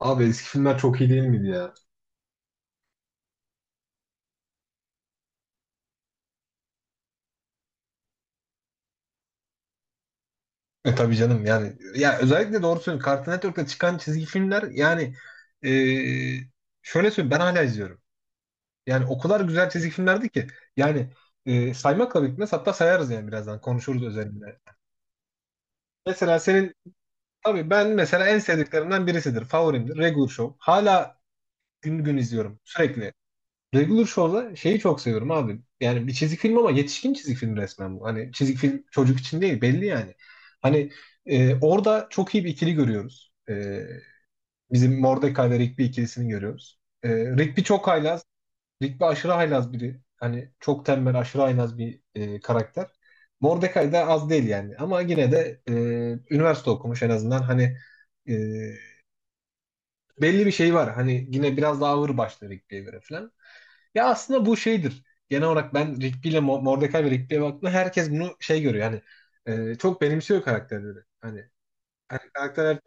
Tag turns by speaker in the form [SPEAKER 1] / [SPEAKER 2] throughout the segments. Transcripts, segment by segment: [SPEAKER 1] Abi eski filmler çok iyi değil miydi ya? Tabii canım, yani ya özellikle doğru söylüyorsun. Cartoon Network'ta çıkan çizgi filmler, yani e, şöyle söyleyeyim, ben hala izliyorum. Yani o kadar güzel çizgi filmlerdi ki, yani saymakla bitmez, hatta sayarız, yani birazdan konuşuruz özelinde. Mesela senin Tabii ben mesela, en sevdiklerimden birisidir. Favorimdir. Regular Show. Hala gün gün izliyorum sürekli. Duygu Duruşoğlu'na şeyi çok seviyorum abi. Yani bir çizik film, ama yetişkin çizik film resmen bu. Hani çizik film çocuk için değil, belli yani. Hani orada çok iyi bir ikili görüyoruz. Bizim Mordecai ve Rigby ikilisini görüyoruz. Rigby çok haylaz. Rigby aşırı haylaz biri. Hani çok tembel, aşırı haylaz bir karakter. Mordecai da az değil yani. Ama yine de üniversite okumuş en azından. Hani e, belli bir şey var. Hani yine biraz daha ağır başlı Rigby'ye göre falan. Ya aslında bu şeydir. Genel olarak ben Rigby ile Mordecai ve Rigby'ye baktığımda herkes bunu şey görüyor. Yani çok benimsiyor karakterleri. Hani karakterler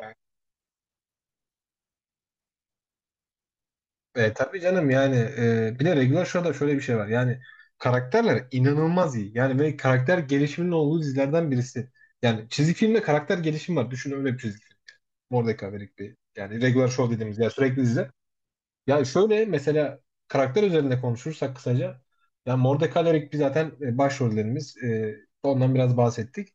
[SPEAKER 1] yani, tabii canım, yani bir de regular show'da şöyle bir şey var. Yani karakterler inanılmaz iyi. Yani ve karakter gelişiminin olduğu dizilerden birisi. Yani çizgi filmde karakter gelişimi var. Düşün öyle bir çizgi film. Mordecai ve Rigby. Yani regular show dediğimiz ya, sürekli dizi. Yani şöyle mesela, karakter üzerinde konuşursak kısaca. Yani Mordecai Eric bir zaten başrollerimiz. Ondan biraz bahsettik.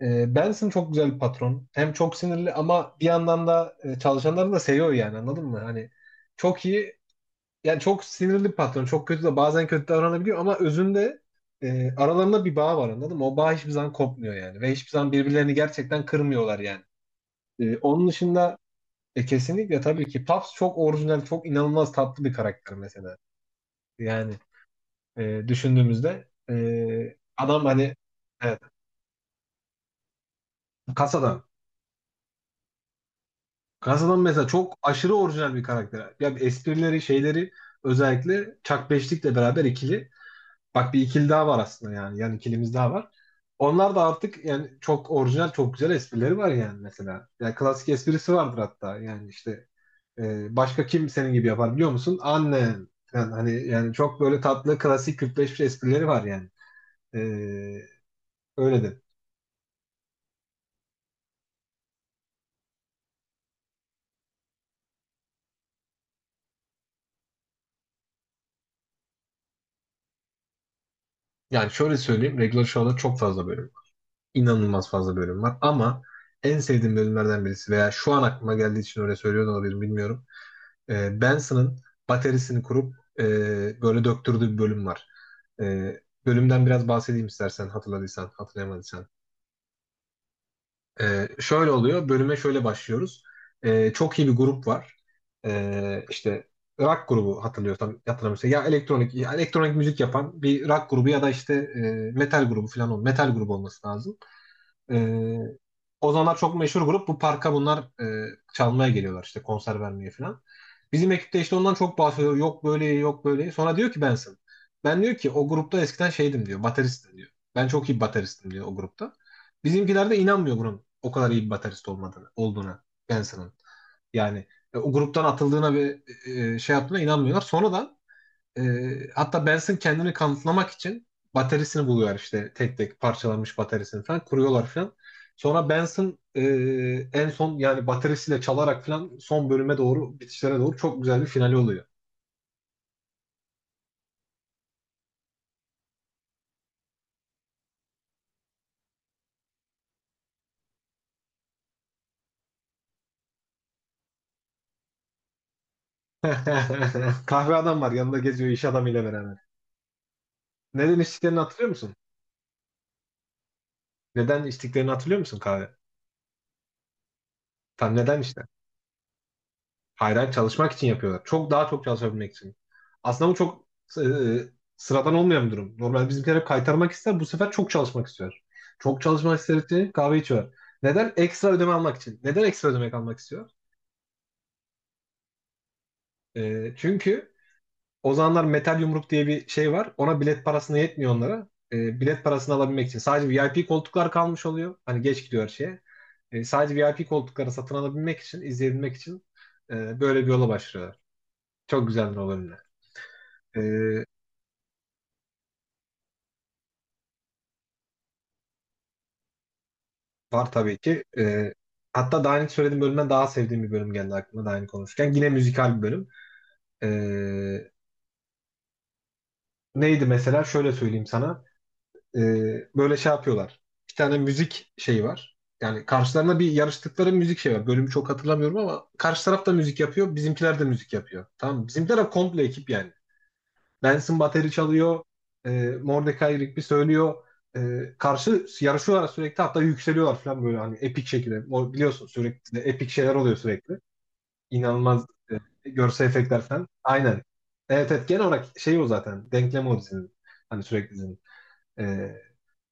[SPEAKER 1] Benson çok güzel bir patron. Hem çok sinirli, ama bir yandan da çalışanlarını da seviyor yani, anladın mı? Hani çok iyi, yani çok sinirli bir patron. Çok kötü de, bazen kötü davranabiliyor, ama özünde aralarında bir bağ var, anladın mı? O bağ hiçbir zaman kopmuyor yani. Ve hiçbir zaman birbirlerini gerçekten kırmıyorlar yani. Onun dışında kesinlikle tabii ki Puffs çok orijinal, çok inanılmaz tatlı bir karakter mesela. Yani düşündüğümüzde adam hani, evet, kasadan. Kasadan mesela çok aşırı orijinal bir karakter. Ya esprileri, şeyleri, özellikle Chuck Beşlik'le beraber ikili. Bak bir ikili daha var aslında yani. Yani ikilimiz daha var. Onlar da artık yani çok orijinal, çok güzel esprileri var yani mesela. Yani klasik esprisi vardır hatta. Yani işte başka kim senin gibi yapar biliyor musun? Annen. Yani hani yani çok böyle tatlı, klasik 45 esprileri var yani. E, Öyle de. Yani şöyle söyleyeyim. Regular Show'da çok fazla bölüm var. İnanılmaz fazla bölüm var. Ama en sevdiğim bölümlerden birisi, veya şu an aklıma geldiği için öyle söylüyor da olabilirim bilmiyorum. Benson'ın baterisini kurup böyle döktürdüğü bir bölüm var. Bölümden biraz bahsedeyim istersen, hatırladıysan, hatırlayamadıysan. Şöyle oluyor, bölüme şöyle başlıyoruz. Çok iyi bir grup var. İşte rock grubu, hatırlıyorsam hatırlamıyorsam, ya elektronik, ya elektronik müzik yapan bir rock grubu, ya da işte metal grubu falan, metal grubu olması lazım. Ee, O zamanlar çok meşhur grup. Bu parka bunlar çalmaya geliyorlar, işte konser vermeye falan. Bizim ekipte işte ondan çok bahsediyor. Yok böyle, yok böyle. Sonra diyor ki Benson. Ben diyor ki, o grupta eskiden şeydim diyor. Bateristim diyor. Ben çok iyi bir bateristim diyor o grupta. Bizimkiler de inanmıyor bunun o kadar iyi bir baterist olmadığını, olduğuna Benson'ın. Yani o gruptan atıldığına ve şey yaptığına inanmıyorlar. Sonradan hatta Benson kendini kanıtlamak için bataryasını buluyor, işte tek tek parçalanmış bataryasını falan kuruyorlar falan. Sonra Benson, en son yani bataryasıyla çalarak falan, son bölüme doğru, bitişlere doğru çok güzel bir finali oluyor. Kahve adam var, yanında geziyor iş adamıyla beraber. Neden içtiklerini hatırlıyor musun? Neden içtiklerini hatırlıyor musun, kahve? Tam neden Hayır, hayır, çalışmak için yapıyorlar. Çok daha çok çalışabilmek için. Aslında bu çok e, e, sıradan olmayan bir durum. Normal bizimkiler hep kaytarmak ister. Bu sefer çok çalışmak istiyor. Çok çalışmak istedikleri kahve içiyor. Neden? Ekstra ödeme almak için. Neden ekstra ödeme almak istiyor? Çünkü o zamanlar metal yumruk diye bir şey var. Ona bilet parasını yetmiyor onlara. Bilet parasını alabilmek için. Sadece VIP koltuklar kalmış oluyor. Hani geç gidiyor her şeye. Sadece VIP koltukları satın alabilmek için, izleyebilmek için böyle bir yola başlıyorlar. Çok güzeldir o bölümler. E, Var tabii ki. Hatta daha önce söylediğim bölümden daha sevdiğim bir bölüm geldi aklıma, daha önce konuşurken. Yine müzikal bir bölüm. Ee, Neydi mesela? Şöyle söyleyeyim sana. Ee, Böyle şey yapıyorlar. Bir tane müzik şeyi var. Yani karşılarına bir yarıştıkları müzik şey var. Bölümü çok hatırlamıyorum, ama karşı taraf da müzik yapıyor. Bizimkiler de müzik yapıyor. Tamam mı? Bizimkiler de komple ekip yani. Benson bateri çalıyor. E, Mordecai Rigby söylüyor. E, Karşı yarışıyorlar sürekli, hatta yükseliyorlar falan, böyle hani epik şekilde. O, biliyorsun sürekli de epik şeyler oluyor sürekli. İnanılmaz görsel efektler falan. Aynen. Evet, evet, genel olarak şey o zaten. Denklem o dizinin. Hani sürekli dizinin. E,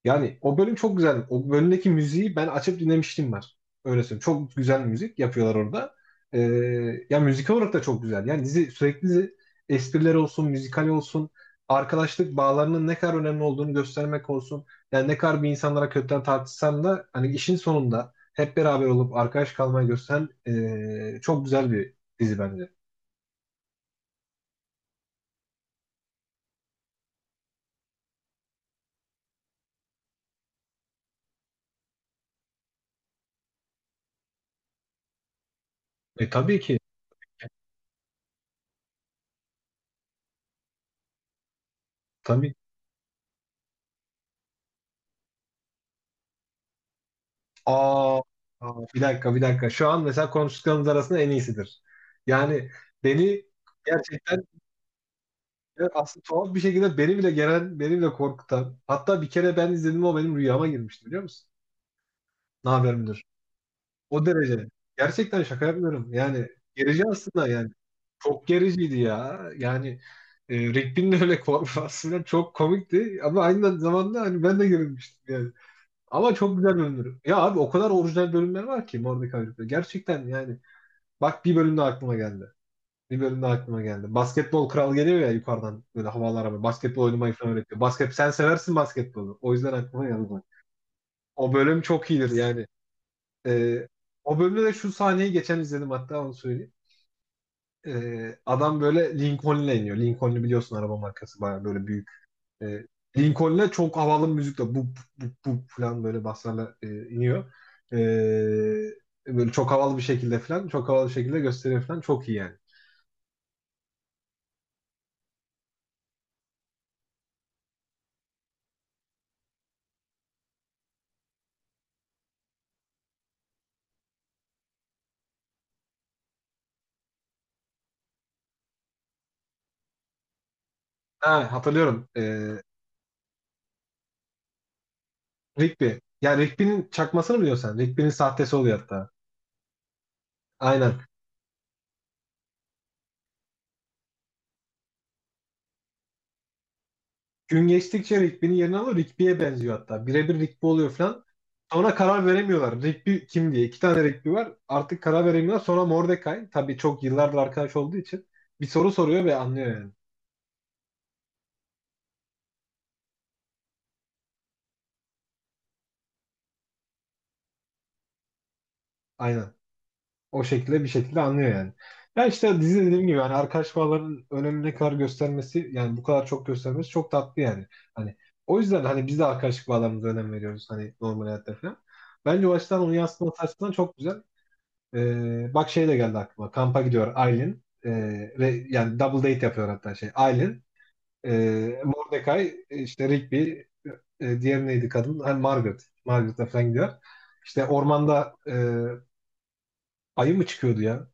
[SPEAKER 1] Yani o bölüm çok güzel. O bölümdeki müziği ben açıp dinlemiştim, var. Öyle söyleyeyim. Çok güzel müzik yapıyorlar orada. Ee, Ya müzik olarak da çok güzel. Yani dizi, sürekli dizi, esprileri olsun, müzikal olsun, arkadaşlık bağlarının ne kadar önemli olduğunu göstermek olsun. Yani ne kadar bir insanlara kötüden tartışsan da, hani işin sonunda hep beraber olup arkadaş kalmayı gösteren çok güzel bir dizi bence. E tabii ki. Tabii. Aa, aa, bir dakika, bir dakika. Şu an mesela konuştuklarımız arasında en iyisidir. Yani beni gerçekten aslında tuhaf bir şekilde beni bile gelen, beni bile korkutan. Hatta bir kere ben izledim, o benim rüyama girmişti biliyor musun? Ne haber müdür? O derece. Gerçekten şaka yapmıyorum. Yani gerici aslında yani. Çok gericiydi ya. Yani Rigby'nin öyle korkması falan çok komikti. Ama aynı zamanda hani ben de gerilmiştim. Ama çok güzel bölümler. Ya abi, o kadar orijinal bölümler var ki Mordecai'de. Gerçekten yani. Bak, bir bölümde aklıma geldi. Bir bölümde aklıma geldi. Basketbol kral geliyor ya, yukarıdan böyle havalara, böyle basketbol oynamayı falan öğretiyor. Basket, sen seversin basketbolu. O yüzden aklıma geldi, bak. O bölüm çok iyidir yani. Ee, O bölümde de şu sahneyi geçen izledim hatta, onu söyleyeyim. Adam böyle Lincoln'le iniyor. Lincoln'u biliyorsun, araba markası, bayağı böyle büyük. E, Lincoln'le çok havalı müzikle bu, bu falan, böyle baslarla iniyor. E, Böyle çok havalı bir şekilde falan, çok havalı bir şekilde gösteriyor falan, çok iyi yani. Ha Hatırlıyorum. Rigby. Yani Rigby'nin çakmasını biliyorsun sen. Rigby'nin sahtesi oluyor hatta. Aynen. Gün geçtikçe Rigby'nin yerini alıyor. Rigby'ye benziyor hatta. Birebir Rigby oluyor falan. Sonra karar veremiyorlar. Rigby kim diye. İki tane Rigby var. Artık karar veremiyorlar. Sonra Mordecai. Tabii çok yıllardır arkadaş olduğu için. Bir soru soruyor ve anlıyor yani. Aynen. O şekilde bir şekilde anlıyor yani. Ya işte dizi, dediğim gibi hani arkadaş bağlarının önemini ne kadar göstermesi, yani bu kadar çok göstermesi çok tatlı yani. Hani o yüzden hani biz de arkadaşlık bağlarımıza önem veriyoruz hani normal hayatta falan. Bence o açıdan onu yansıtması açısından çok güzel. Bak şey de geldi aklıma. Kampa gidiyor Aylin. Yani double date yapıyor hatta şey. Aylin, Mordecai, işte Rigby, diğer neydi kadın? Hani Margaret. Margaret'la falan gidiyor. İşte ormanda ayı mı çıkıyordu ya?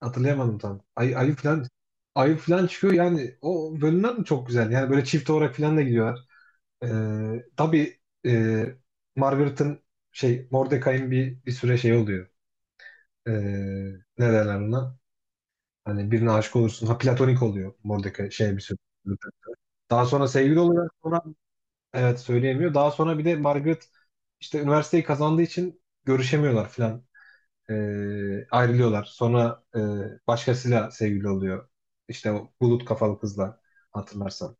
[SPEAKER 1] Hatırlayamadım tam. Ayı falan çıkıyor yani, o bölümler de çok güzel. Yani böyle çift olarak falan da gidiyorlar. Tabii e, Margaret'ın şey, Mordecai'nin bir süre şey oluyor. Ee, Ne derler ona? Hani birine aşık olursun. Ha, platonik oluyor Mordecai şey, bir süre. Daha sonra sevgili oluyor. Sonra evet, söyleyemiyor. Daha sonra bir de Margaret işte üniversiteyi kazandığı için görüşemiyorlar falan. E, Ayrılıyorlar. Sonra başkasıyla sevgili oluyor. İşte o bulut kafalı kızla hatırlarsan.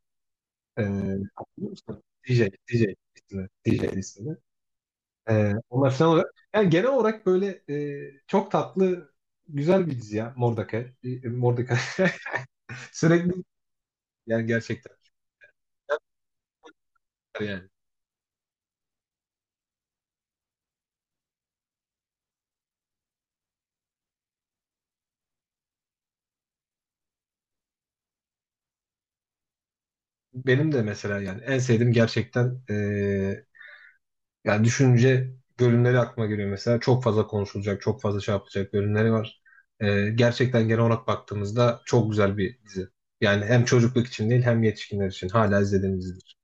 [SPEAKER 1] E, Hatırlıyor musun? DJ, DJ ismi. DJ ismi. Onlar falan olarak. Yani genel olarak böyle çok tatlı, güzel bir dizi ya. Mordecai. Mordecai. Sürekli yani, gerçekten. Yani Benim de mesela yani en sevdiğim, gerçekten yani düşünce bölümleri aklıma geliyor mesela. Çok fazla konuşulacak, çok fazla şey yapılacak bölümleri var. Gerçekten genel olarak baktığımızda çok güzel bir dizi. Yani hem çocukluk için değil, hem yetişkinler için hala izlediğimiz dizi.